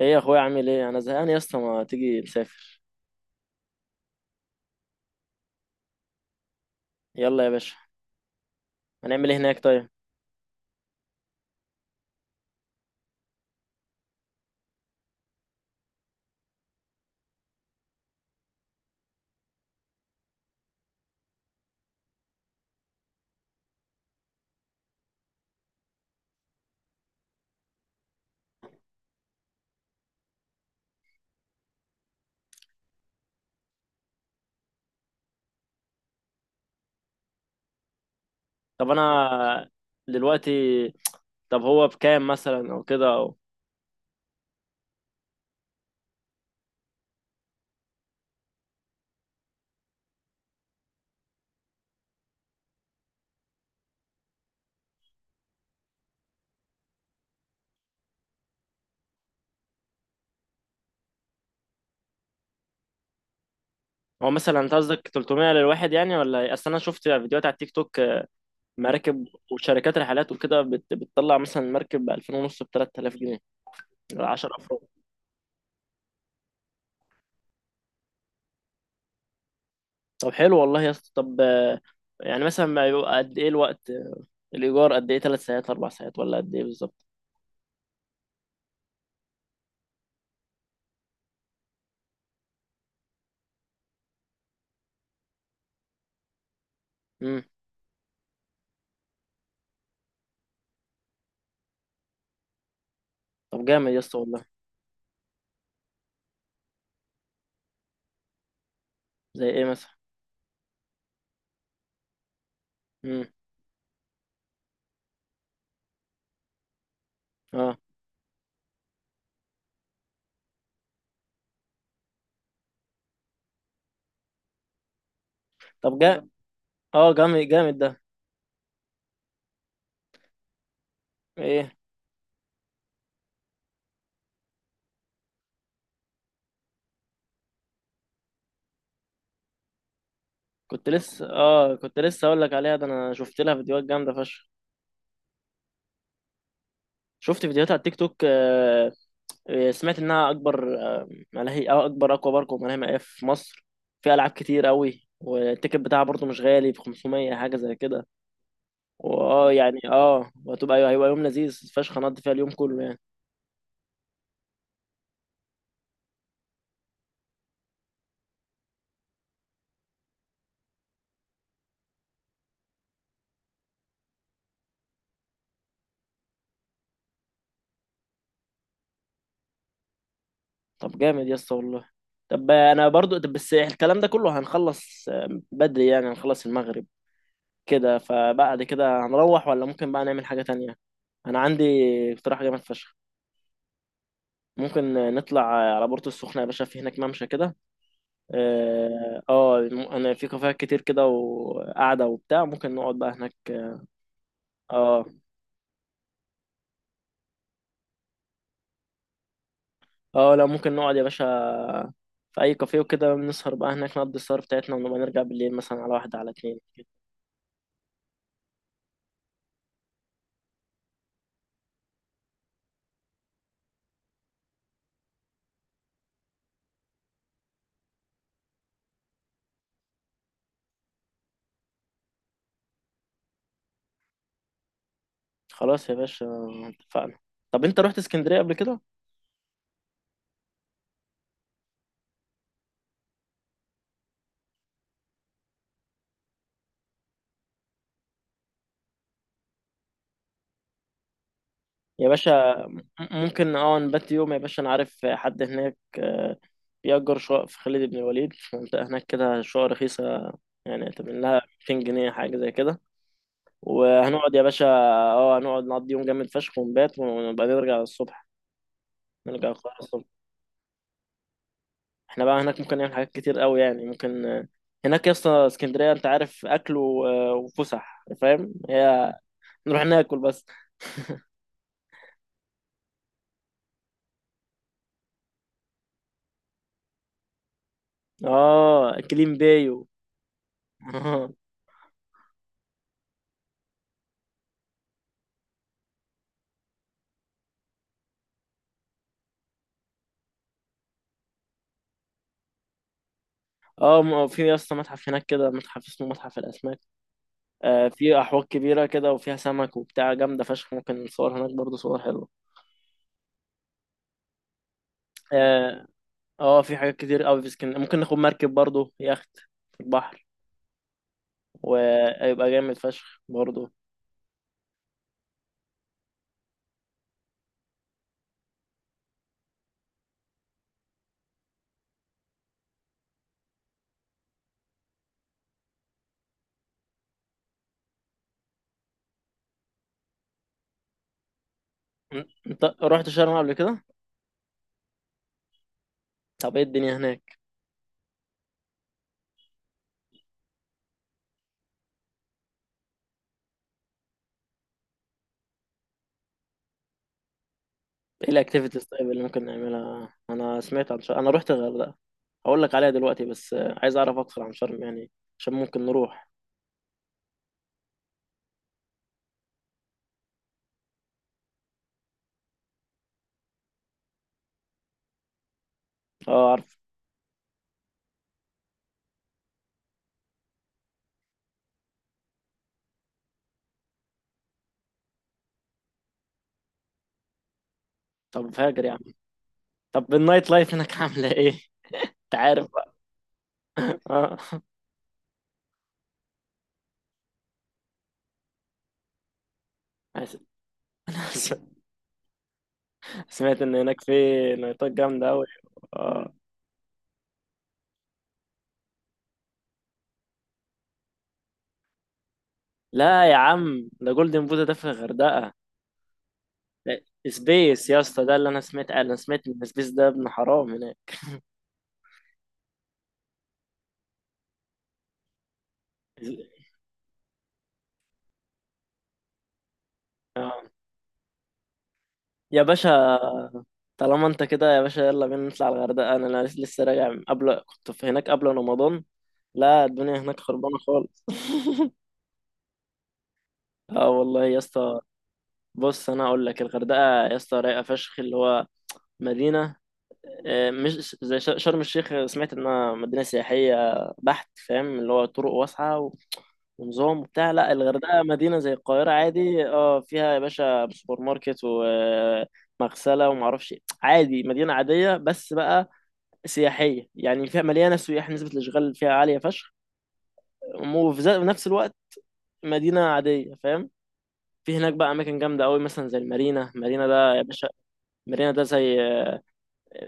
ايه يا اخويا، عامل ايه؟ انا زهقان يا اسطى، ما تيجي نسافر؟ يلا يا باشا. هنعمل ايه هناك طيب؟ طب انا دلوقتي طب هو بكام مثلا، او كده. هو مثلا انت قصدك 300 للواحد يعني، ولا ايه؟ اصل انا شفت فيديوهات على التيك توك، مراكب وشركات رحلات وكده بتطلع مثلا مركب ب 2000 ونص، ب 3000 جنيه، 10 افراد. طب حلو والله يا اسطى. طب، يعني مثلا ما يبقى قد ايه الوقت، الايجار قد ايه؟ 3 ساعات، 4 ساعات، ولا قد ايه بالظبط؟ امم. طب جامد يا اسطى والله. زي ايه مثلا؟ امم. اه. طب جا اه جامد جامد ده. ايه؟ كنت لسه اقول لك عليها. ده انا شفت لها فيديوهات جامده فشخ. شفت فيديوهات على التيك توك. سمعت انها اكبر ملاهي، او اكبر اكوا بارك وملاهي مائية في مصر. فيها العاب كتير قوي، والتيكت بتاعها برضو مش غالي، ب 500 حاجه زي كده. يعني اه وهتبقى ايوه، هيبقى يوم لذيذ فشخ، هنقضي فيها اليوم كله يعني. طب جامد يا اسطى والله. طب انا برضو طب بس الكلام ده كله هنخلص بدري يعني، هنخلص المغرب كده، فبعد كده هنروح ولا ممكن بقى نعمل حاجة تانية؟ أنا عندي اقتراح جامد فشخ. ممكن نطلع على بورتو السخنة يا باشا، في هناك ممشى كده اه آه، أنا، في كافيهات كتير كده وقعدة وبتاع، ممكن نقعد بقى هناك. اه، اه، لا ممكن نقعد يا باشا في أي كافيه وكده، نسهر بقى هناك، نقضي السهر بتاعتنا ونبقى نرجع بالليل مثلا على واحدة على اتنين كده. خلاص يا باشا، اتفقنا. طب أنت رحت اسكندرية قبل كده؟ يا باشا، ممكن نبات يوم يا باشا، انا عارف حد هناك، بيأجر شقق في خالد بن الوليد، في منطقة هناك كده شقق رخيصة، يعني تمن لها 200 جنيه حاجة زي كده. وهنقعد يا باشا. اه، هنقعد نقضي يوم جامد فشخ ونبات، ونبقى نرجع الصبح، نرجع القاهرة الصبح. احنا بقى هناك ممكن نعمل حاجات كتير قوي يعني، ممكن، هناك يا اسطى اسكندرية، انت عارف، أكل وفسح، فاهم؟ هي نروح ناكل بس. اه، كليم بايو. اه، في يا اسطى متحف هناك كده، متحف اسمه متحف الأسماك. في احواض كبيره كده، وفيها سمك وبتاع جامده فشخ، ممكن نصور هناك برضو صور حلوه. اه. في حاجات كتير قوي في اسكندريه. ممكن ناخد مركب برضو، يخت في البحر، ويبقى جامد فشخ برضو. انت رحت شرم قبل كده؟ طب ايه الدنيا هناك؟ ايه الاكتيفيتيز طيب اللي ممكن نعملها؟ انا سمعت عن شرم. انا رحت الغردقه، هقول لك عليها دلوقتي، بس عايز اعرف اكتر عن شرم يعني، عشان ممكن نروح. اه، عارف. طب فاجر يعني؟ طب النايت لايف هناك عامله ايه؟ انت عارف بقى. اه، أنا آسف. سمعت ان هناك في نايتات جامده قوي. مم. اه. لا يا عم، ده جولدن بودا ده في الغردقه. لا، سبيس يا اسطى ده اللي انا سمعت، ان سبيس ده ابن حرام هناك. آه. يا باشا، طالما انت كده يا باشا، يلا بينا نطلع الغردقه. انا لسه راجع من قبل، كنت في هناك قبل رمضان. لا، الدنيا هناك خربانه خالص. اه، والله يا اسطى. بص انا اقول لك، الغردقه يا اسطى رايقه فشخ، اللي هو مدينه، مش زي شرم الشيخ. سمعت انها مدينه سياحيه بحت، فاهم؟ اللي هو طرق واسعه ونظام وبتاع. لا الغردقه مدينه زي القاهره عادي، فيها يا باشا سوبر ماركت ومغسله ومعرفش إيه. عادي، مدينه عاديه، بس بقى سياحيه، يعني فيها مليانه سياح، نسبه الاشغال فيها عاليه فشخ، وفي في نفس الوقت مدينه عاديه، فاهم؟ في هناك بقى اماكن جامده قوي، مثلا زي المارينا. مارينا ده يا باشا، مارينا ده زي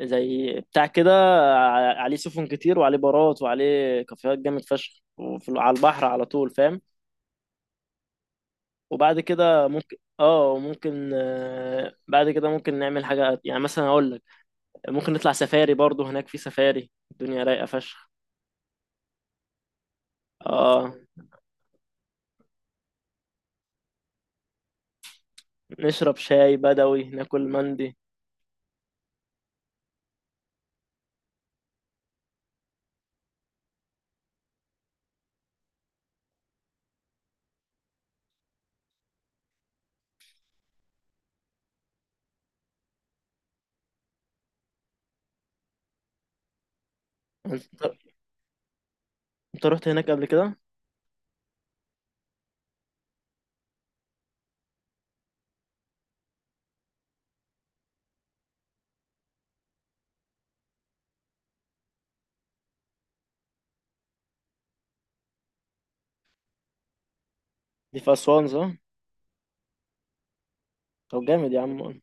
زي بتاع كده، عليه سفن كتير، وعليه بارات، وعليه كافيهات جامد فشخ، وفي على البحر على طول، فاهم؟ وبعد كده ممكن، بعد كده ممكن نعمل حاجة يعني، مثلا اقول لك، ممكن نطلع سفاري برضو هناك، في سفاري الدنيا رايقة فشخ. اه، نشرب شاي بدوي، ناكل مندي. انت انت رحت هناك قبل كده؟ دي في اسوان صح؟ طب جامد يا عم.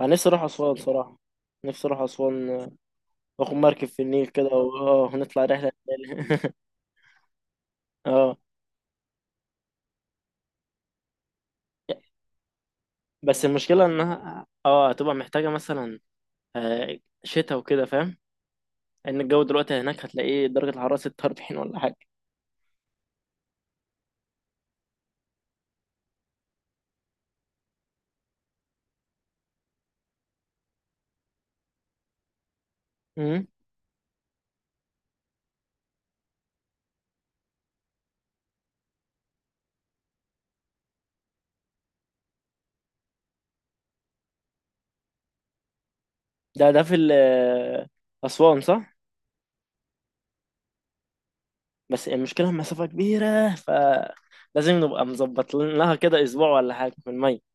انا نفسي اروح اسوان صراحة. نفسي اروح اسوان، واخد مركب في النيل كده ونطلع رحلة تاني. اه، بس المشكلة انها هتبقى محتاجة مثلا آه، شتاء وكده، فاهم؟ ان الجو دلوقتي هناك هتلاقيه درجة الحرارة 46 ولا حاجة. امم. ده في أسوان صح؟ بس المشكلة المسافة كبيرة، فلازم نبقى مظبط لها كده اسبوع ولا حاجة من المية.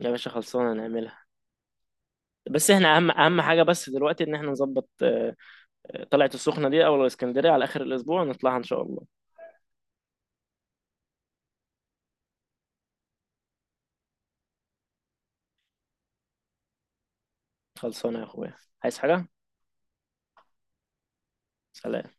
يا باشا خلصانة نعملها. بس احنا اهم حاجة بس دلوقتي، ان احنا نظبط، طلعة السخنة دي او الاسكندرية على اخر الاسبوع، نطلعها ان شاء الله. خلصانة يا اخويا. عايز حاجة؟ سلام.